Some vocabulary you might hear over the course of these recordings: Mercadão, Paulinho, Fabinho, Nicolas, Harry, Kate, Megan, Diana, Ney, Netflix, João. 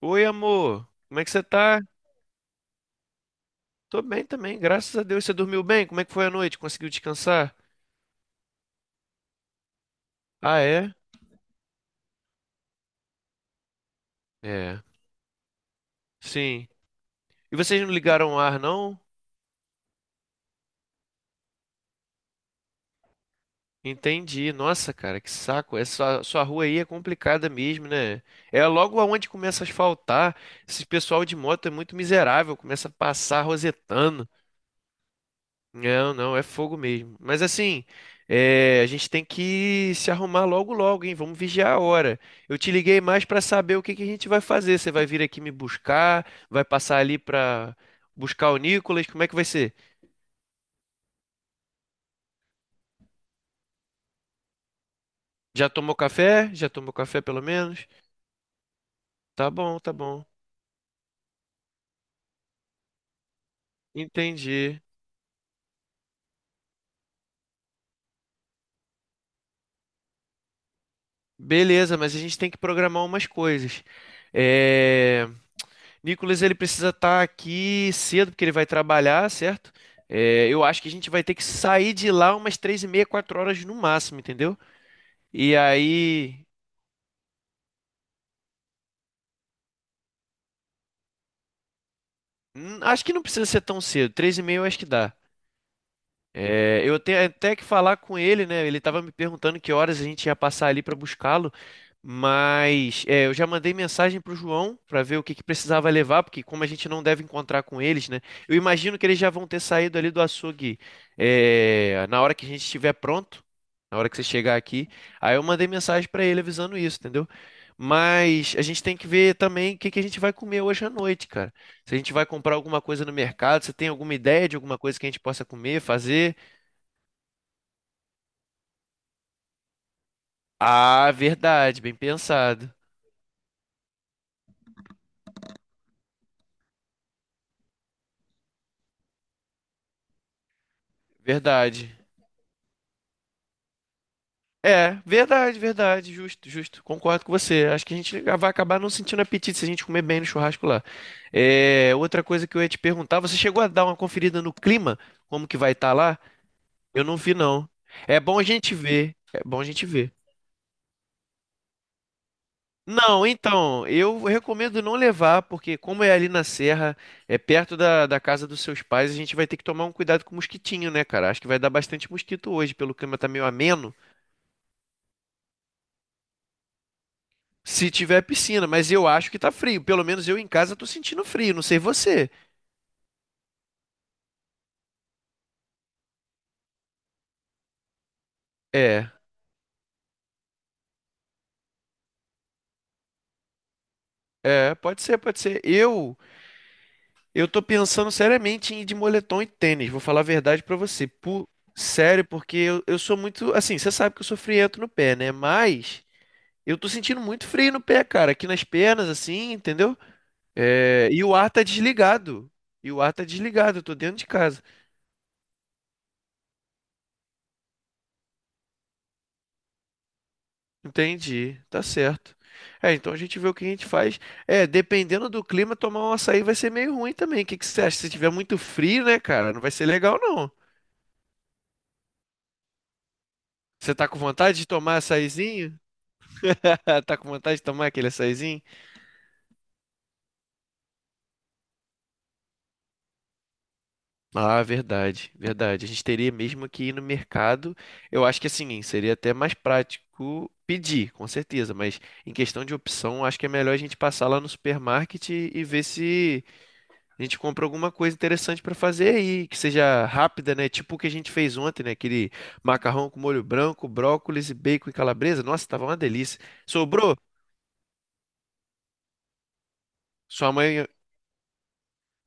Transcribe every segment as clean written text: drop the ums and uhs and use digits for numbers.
Oi, amor. Como é que você tá? Tô bem também, graças a Deus. Você dormiu bem? Como é que foi a noite? Conseguiu descansar? Ah, é? É. Sim. E vocês não ligaram o ar, não? Entendi. Nossa, cara, que saco. Essa sua rua aí é complicada mesmo, né? É logo aonde começa a asfaltar. Esse pessoal de moto é muito miserável, começa a passar rosetando. Não, não, é fogo mesmo. Mas assim, é, a gente tem que se arrumar logo logo, hein? Vamos vigiar a hora. Eu te liguei mais pra saber o que que a gente vai fazer. Você vai vir aqui me buscar, vai passar ali pra buscar o Nicolas, como é que vai ser? Já tomou café? Já tomou café pelo menos? Tá bom, tá bom. Entendi. Beleza, mas a gente tem que programar umas coisas. É, Nicolas, ele precisa estar aqui cedo, porque ele vai trabalhar, certo? É, eu acho que a gente vai ter que sair de lá umas 3h30, 4 horas no máximo, entendeu? E aí. Acho que não precisa ser tão cedo. 3h30 eu acho que dá. É, eu tenho até que falar com ele, né? Ele tava me perguntando que horas a gente ia passar ali para buscá-lo, mas é, eu já mandei mensagem pro João para ver o que que precisava levar, porque como a gente não deve encontrar com eles, né? Eu imagino que eles já vão ter saído ali do açougue é, na hora que a gente estiver pronto, na hora que você chegar aqui. Aí eu mandei mensagem para ele avisando isso, entendeu? Mas a gente tem que ver também o que que a gente vai comer hoje à noite, cara. Se a gente vai comprar alguma coisa no mercado, você tem alguma ideia de alguma coisa que a gente possa comer, fazer? Ah, verdade, bem pensado. Verdade. É, verdade, verdade, justo, justo. Concordo com você. Acho que a gente vai acabar não sentindo apetite se a gente comer bem no churrasco lá. É, outra coisa que eu ia te perguntar, você chegou a dar uma conferida no clima? Como que vai estar lá? Eu não vi, não. É bom a gente ver. É bom a gente ver. Não, então, eu recomendo não levar, porque como é ali na serra, é perto da casa dos seus pais, a gente vai ter que tomar um cuidado com o mosquitinho, né, cara? Acho que vai dar bastante mosquito hoje, pelo clima tá meio ameno. Se tiver piscina, mas eu acho que tá frio. Pelo menos eu em casa tô sentindo frio, não sei você. É, é, pode ser, pode ser. Eu tô pensando seriamente em ir de moletom e tênis. Vou falar a verdade pra você. Sério, porque eu sou muito, assim, você sabe que eu sou friento no pé, né? Mas eu tô sentindo muito frio no pé, cara, aqui nas pernas, assim, entendeu? É, e o ar tá desligado. E o ar tá desligado, eu tô dentro de casa. Entendi, tá certo. É, então a gente vê o que a gente faz. É, dependendo do clima, tomar um açaí vai ser meio ruim também. O que que você acha? Se tiver muito frio, né, cara? Não vai ser legal, não. Você tá com vontade de tomar açaizinho? Tá com vontade de tomar aquele açaizinho? Ah, verdade, verdade. A gente teria mesmo que ir no mercado. Eu acho que assim, seria até mais prático pedir, com certeza. Mas em questão de opção, acho que é melhor a gente passar lá no supermarket e ver se. A gente compra alguma coisa interessante para fazer e que seja rápida, né? Tipo o que a gente fez ontem, né? Aquele macarrão com molho branco, brócolis e bacon e calabresa. Nossa, tava uma delícia. Sobrou? Sua mãe.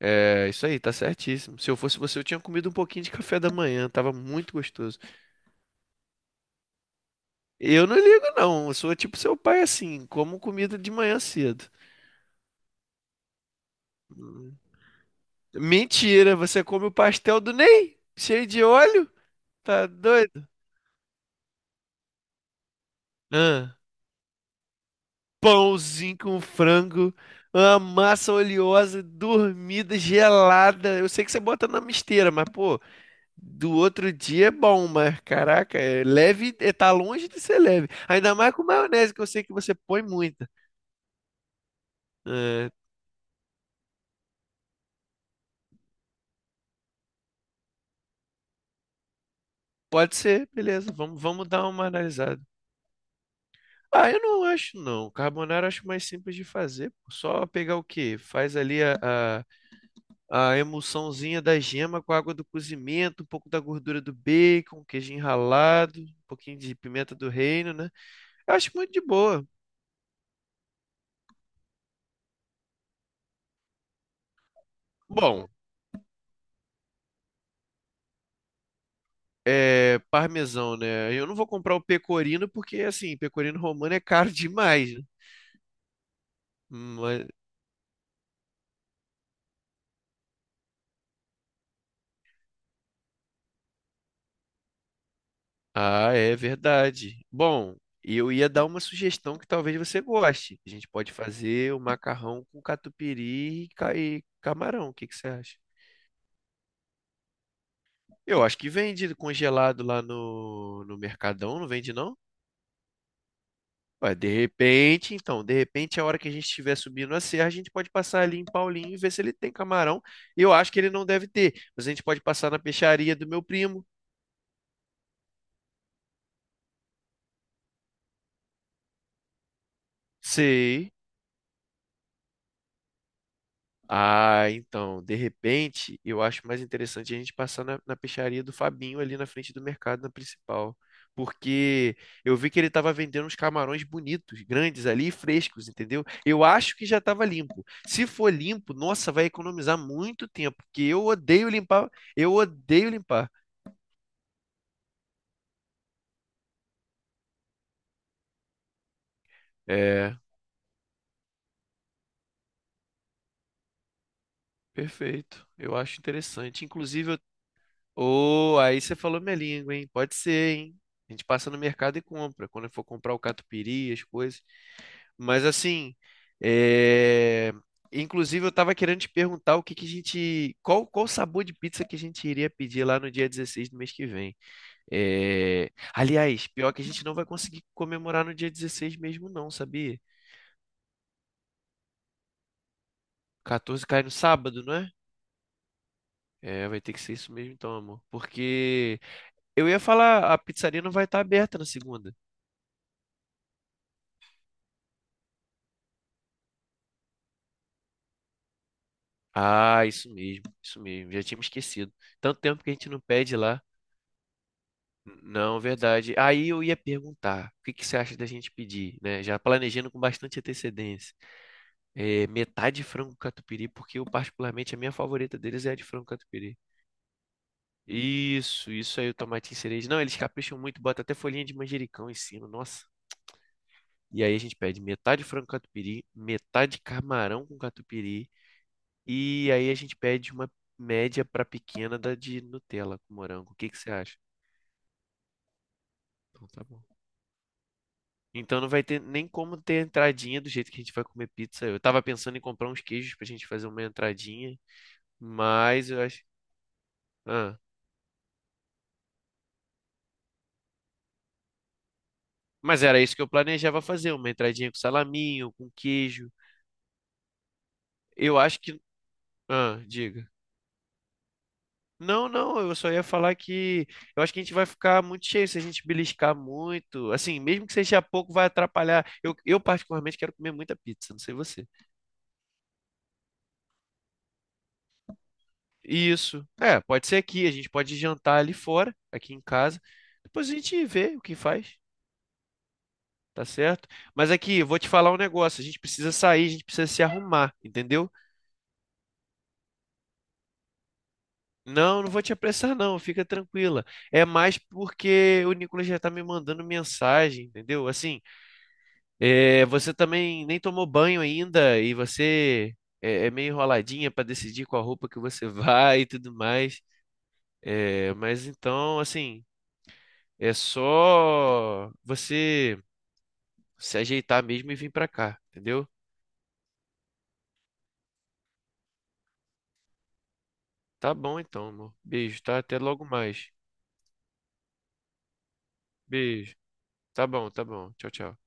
É, isso aí, tá certíssimo. Se eu fosse você, eu tinha comido um pouquinho de café da manhã, tava muito gostoso. Eu não ligo, não. Eu sou tipo seu pai assim, como comida de manhã cedo. Mentira, você come o pastel do Ney? Cheio de óleo? Tá doido? Ahn. Pãozinho com frango, uma massa oleosa, dormida, gelada. Eu sei que você bota na misteira, mas, pô, do outro dia é bom, mas, caraca, é leve, é, tá longe de ser leve. Ainda mais com maionese, que eu sei que você põe muita. É, pode ser, beleza, vamos, vamos dar uma analisada. Ah, eu não acho, não. Carbonara eu acho mais simples de fazer. Pô. Só pegar o quê? Faz ali a emulsãozinha da gema com a água do cozimento, um pouco da gordura do bacon, queijo ralado, um pouquinho de pimenta do reino, né? Eu acho muito de boa. Bom, é parmesão, né? Eu não vou comprar o pecorino porque, assim, pecorino romano é caro demais, né? Mas- Ah, é verdade. Bom, eu ia dar uma sugestão que talvez você goste. A gente pode fazer o macarrão com catupiry e camarão. O que que você acha? Eu acho que vende congelado lá no Mercadão, não vende não? Ué, de repente, então, de repente, a hora que a gente estiver subindo a serra, a gente pode passar ali em Paulinho e ver se ele tem camarão. Eu acho que ele não deve ter, mas a gente pode passar na peixaria do meu primo. Sei. Ah, então, de repente, eu acho mais interessante a gente passar na peixaria do Fabinho ali na frente do mercado, na principal. Porque eu vi que ele estava vendendo uns camarões bonitos, grandes ali, e frescos, entendeu? Eu acho que já estava limpo. Se for limpo, nossa, vai economizar muito tempo, porque eu odeio limpar. Eu odeio limpar. É, perfeito. Eu acho interessante. Inclusive. Oh, aí você falou minha língua, hein? Pode ser, hein? A gente passa no mercado e compra. Quando for comprar o catupiry, as coisas. Mas assim, é, inclusive eu tava querendo te perguntar o que que a gente, qual sabor de pizza que a gente iria pedir lá no dia 16 do mês que vem. É, aliás, pior que a gente não vai conseguir comemorar no dia 16 mesmo não, sabia? 14 cai no sábado, não é? É, vai ter que ser isso mesmo então, amor. Porque eu ia falar, a pizzaria não vai estar aberta na segunda. Ah, isso mesmo, isso mesmo. Já tínhamos esquecido. Tanto tempo que a gente não pede lá. Não, verdade. Aí eu ia perguntar, o que que você acha da gente pedir, né? Já planejando com bastante antecedência. É, metade de frango catupiry, porque eu particularmente a minha favorita deles é a de frango catupiry. Isso aí o tomatinho cereja. Não, eles capricham muito, bota até folhinha de manjericão em cima, nossa. E aí a gente pede metade frango catupiry, metade camarão com catupiry e aí a gente pede uma média para pequena da de Nutella com morango. O que que você acha? Então tá bom. Então não vai ter nem como ter entradinha do jeito que a gente vai comer pizza. Eu tava pensando em comprar uns queijos pra gente fazer uma entradinha, mas eu acho. Ah, mas era isso que eu planejava fazer, uma entradinha com salaminho, com queijo. Eu acho que. Ah, diga. Não, não, eu só ia falar que eu acho que a gente vai ficar muito cheio se a gente beliscar muito. Assim, mesmo que seja pouco, vai atrapalhar. Eu particularmente quero comer muita pizza, não sei você. Isso. É, pode ser aqui, a gente pode jantar ali fora, aqui em casa. Depois a gente vê o que faz, tá certo? Mas aqui, eu vou te falar um negócio, a gente precisa sair, a gente precisa se arrumar, entendeu? Não, não vou te apressar não, fica tranquila. É mais porque o Nicolas já tá me mandando mensagem, entendeu? Assim, é, você também nem tomou banho ainda e você é, é meio enroladinha pra decidir qual roupa que você vai e tudo mais. É, mas então, assim, é só você se ajeitar mesmo e vir pra cá, entendeu? Tá bom então, amor. Beijo, tá? Até logo mais. Beijo. Tá bom, tá bom. Tchau, tchau.